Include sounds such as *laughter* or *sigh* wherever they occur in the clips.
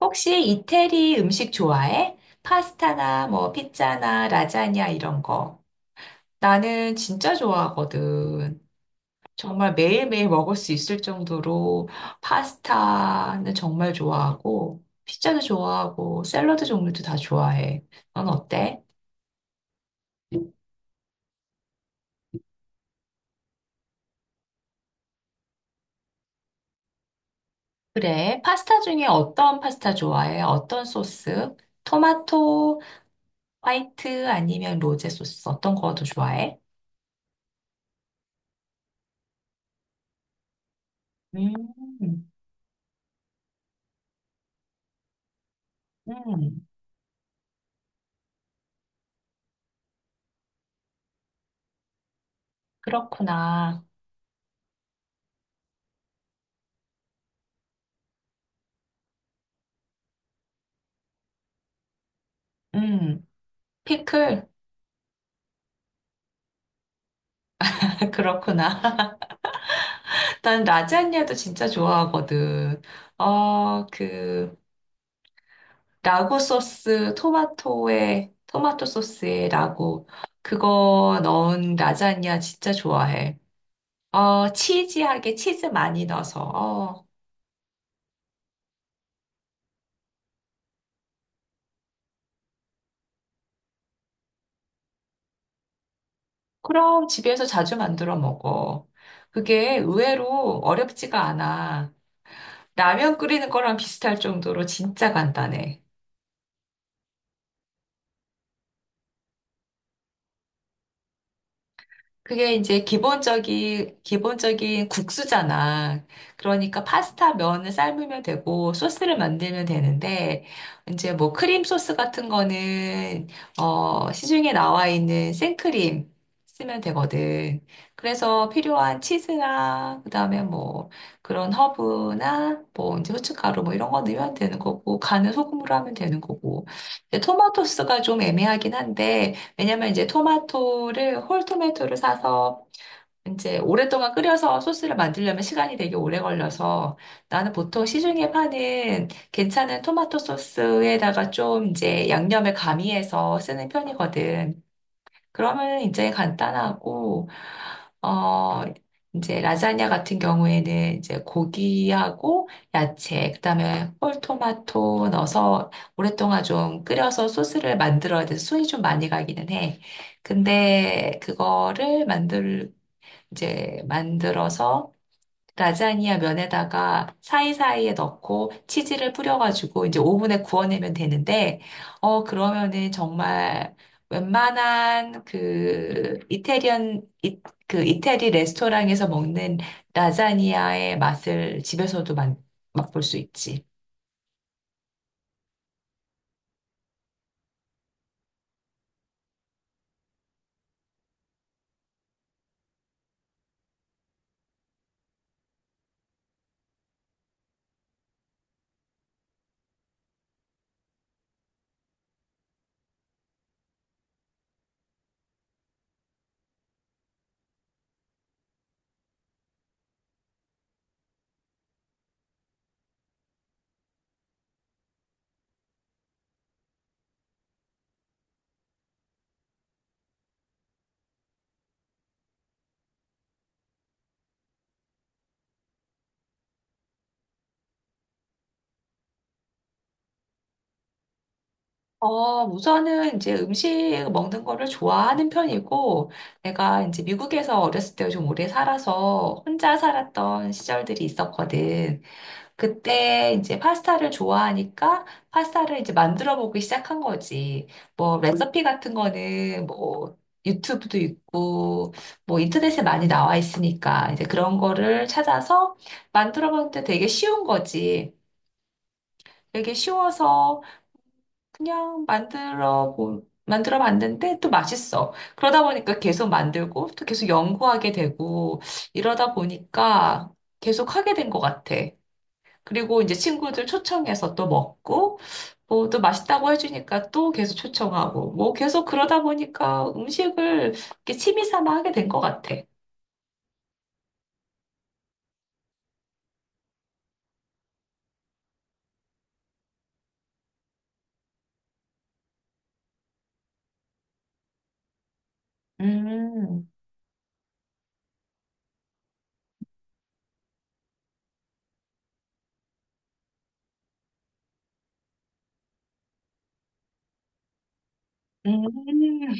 혹시 이태리 음식 좋아해? 파스타나 뭐 피자나 라자냐 이런 거. 나는 진짜 좋아하거든. 정말 매일매일 먹을 수 있을 정도로 파스타는 정말 좋아하고 피자도 좋아하고 샐러드 종류도 다 좋아해. 넌 어때? 그래. 파스타 중에 어떤 파스타 좋아해? 어떤 소스? 토마토, 화이트 아니면 로제 소스 어떤 거 더 좋아해? 음, 음, 그렇구나. 음. 피클? *laughs* 그렇구나. 난 라자냐도 진짜 좋아하거든. 어, 그, 라구 소스, 토마토에, 토마토 소스에 라구. 그거 넣은 라자냐 진짜 좋아해. 어, 치즈하게 치즈 많이 넣어서. 어, 그럼 집에서 자주 만들어 먹어. 그게 의외로 어렵지가 않아. 라면 끓이는 거랑 비슷할 정도로 진짜 간단해. 그게 이제 기본적인 국수잖아. 그러니까 파스타 면을 삶으면 되고, 소스를 만들면 되는데, 이제 뭐 크림 소스 같은 거는, 시중에 나와 있는 생크림 쓰면 되거든. 그래서 필요한 치즈나, 그 다음에 뭐 그런 허브나, 뭐 이제 후춧가루 뭐 이런 거 넣으면 되는 거고, 간은 소금으로 하면 되는 거고. 근데 토마토 소스가 좀 애매하긴 한데, 왜냐면 이제 토마토를 홀 토마토를 사서 이제 오랫동안 끓여서 소스를 만들려면 시간이 되게 오래 걸려서 나는 보통 시중에 파는 괜찮은 토마토 소스에다가 좀 이제 양념을 가미해서 쓰는 편이거든. 그러면 이제 간단하고, 어, 이제 라자냐 같은 경우에는 이제 고기하고 야채, 그다음에 홀토마토 넣어서 오랫동안 좀 끓여서 소스를 만들어야 돼서 손이 좀 많이 가기는 해. 근데 이제 만들어서 라자니아 면에다가 사이사이에 넣고 치즈를 뿌려가지고 이제 오븐에 구워내면 되는데, 어, 그러면은 정말 웬만한 그 이태리 레스토랑에서 먹는 라자니아의 맛을 집에서도 맛볼 수 있지. 어, 우선은 이제 음식 먹는 거를 좋아하는 편이고, 내가 이제 미국에서 어렸을 때 좀 오래 살아서 혼자 살았던 시절들이 있었거든. 그때 이제 파스타를 좋아하니까 파스타를 이제 만들어 보기 시작한 거지. 뭐 레시피 같은 거는 뭐 유튜브도 있고 뭐 인터넷에 많이 나와 있으니까 이제 그런 거를 찾아서 만들어 보는데 되게 쉬운 거지. 되게 쉬워서 그냥 만들어 봤는데 또 맛있어. 그러다 보니까 계속 만들고 또 계속 연구하게 되고 이러다 보니까 계속 하게 된 것 같아. 그리고 이제 친구들 초청해서 또 먹고, 뭐 또 맛있다고 해주니까 또 계속 초청하고, 뭐 계속 그러다 보니까 음식을 이렇게 취미 삼아 하게 된 것 같아. 음. 음,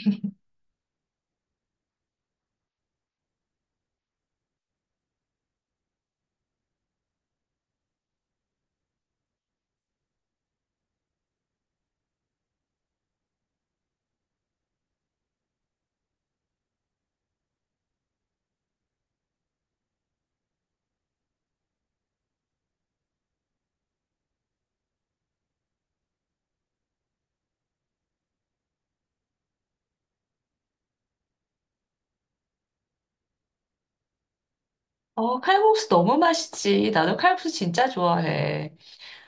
어, 칼국수 너무 맛있지. 나도 칼국수 진짜 좋아해.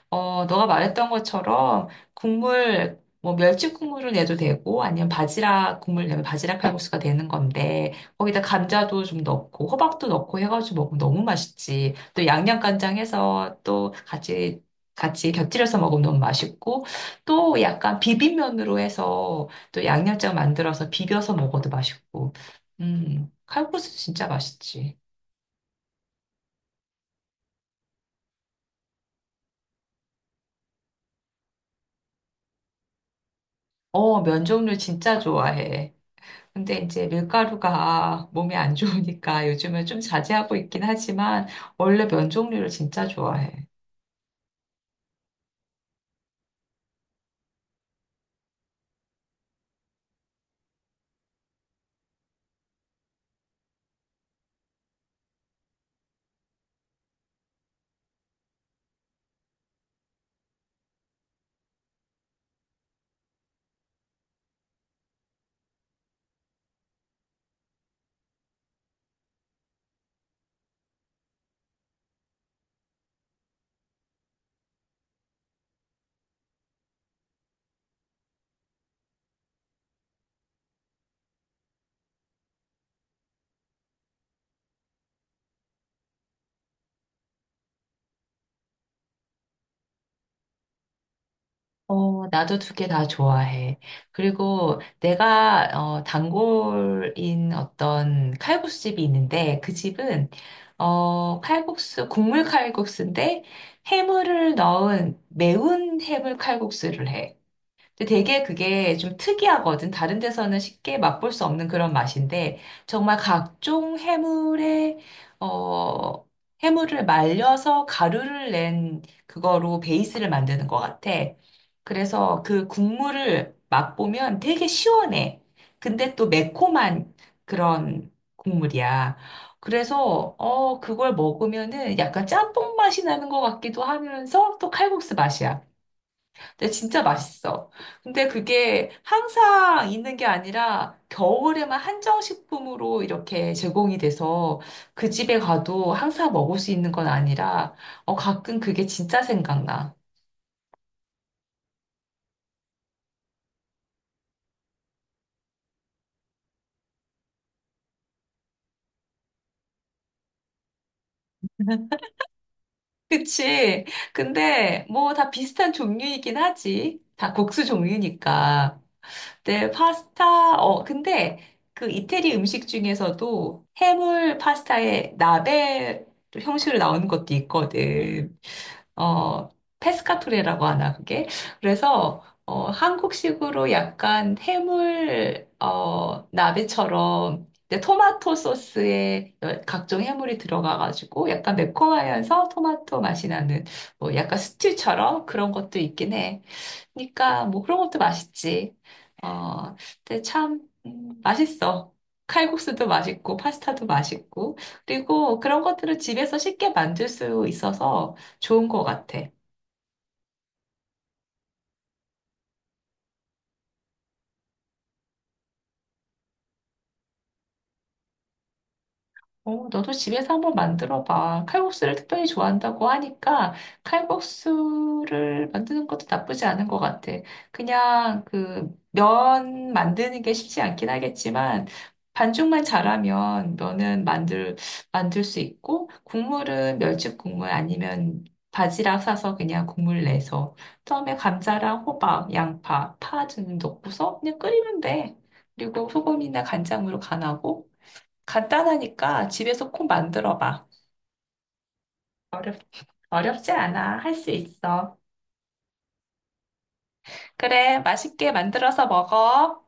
어, 너가 말했던 것처럼 국물, 뭐 멸치 국물을 내도 되고 아니면 바지락 국물 내면 바지락 칼국수가 되는 건데 거기다 감자도 좀 넣고 호박도 넣고 해가지고 먹으면 너무 맛있지. 또 양념간장 해서 또 같이 같이 곁들여서 먹으면 너무 맛있고 또 약간 비빔면으로 해서 또 양념장 만들어서 비벼서 먹어도 맛있고. 칼국수 진짜 맛있지. 어, 면 종류 진짜 좋아해. 근데 이제 밀가루가 몸에 안 좋으니까 요즘은 좀 자제하고 있긴 하지만 원래 면 종류를 진짜 좋아해. 어, 나도 두 개 다 좋아해. 그리고 내가 어, 단골인 어떤 칼국수 집이 있는데 그 집은 칼국수인데 해물을 넣은 매운 해물 칼국수를 해. 근데 되게 그게 좀 특이하거든. 다른 데서는 쉽게 맛볼 수 없는 그런 맛인데, 정말 각종 해물에, 어, 해물을 말려서 가루를 낸 그거로 베이스를 만드는 것 같아. 그래서 그 국물을 맛보면 되게 시원해. 근데 또 매콤한 그런 국물이야. 그래서, 어, 그걸 먹으면은 약간 짬뽕 맛이 나는 것 같기도 하면서 또 칼국수 맛이야. 근데 진짜 맛있어. 근데 그게 항상 있는 게 아니라 겨울에만 한정식품으로 이렇게 제공이 돼서 그 집에 가도 항상 먹을 수 있는 건 아니라 어, 가끔 그게 진짜 생각나. *laughs* 그치? 근데 뭐 다 비슷한 종류이긴 하지. 다 국수 종류니까. 네, 파스타. 어, 근데 그 이태리 음식 중에서도 해물 파스타에 나베 형식으로 나오는 것도 있거든. 어, 페스카토레라고 하나, 그게. 그래서, 어, 한국식으로 약간 해물, 어, 나베처럼, 근데 토마토 소스에 여- 각종 해물이 들어가가지고 약간 매콤하면서 토마토 맛이 나는, 뭐 약간 스튜처럼 그런 것도 있긴 해. 그러니까 뭐 그런 것도 맛있지. 어, 근데 참 맛있어. 칼국수도 맛있고 파스타도 맛있고 그리고 그런 것들을 집에서 쉽게 만들 수 있어서 좋은 것 같아. 어, 너도 집에서 한번 만들어 봐. 칼국수를 특별히 좋아한다고 하니까 칼국수를 만드는 것도 나쁘지 않은 것 같아. 그냥 그 면 만드는 게 쉽지 않긴 하겠지만 반죽만 잘하면 만들 수 있고 국물은 멸치 국물 아니면 바지락 사서 그냥 국물 내서 처음에 감자랑 호박, 양파, 파좀 넣고서 그냥 끓이면 돼. 그리고 소금이나 간장으로 간하고 간단하니까 집에서 꼭 만들어 봐. 어렵, 어렵지 않아. 할 수 있어. 그래, 맛있게 만들어서 먹어.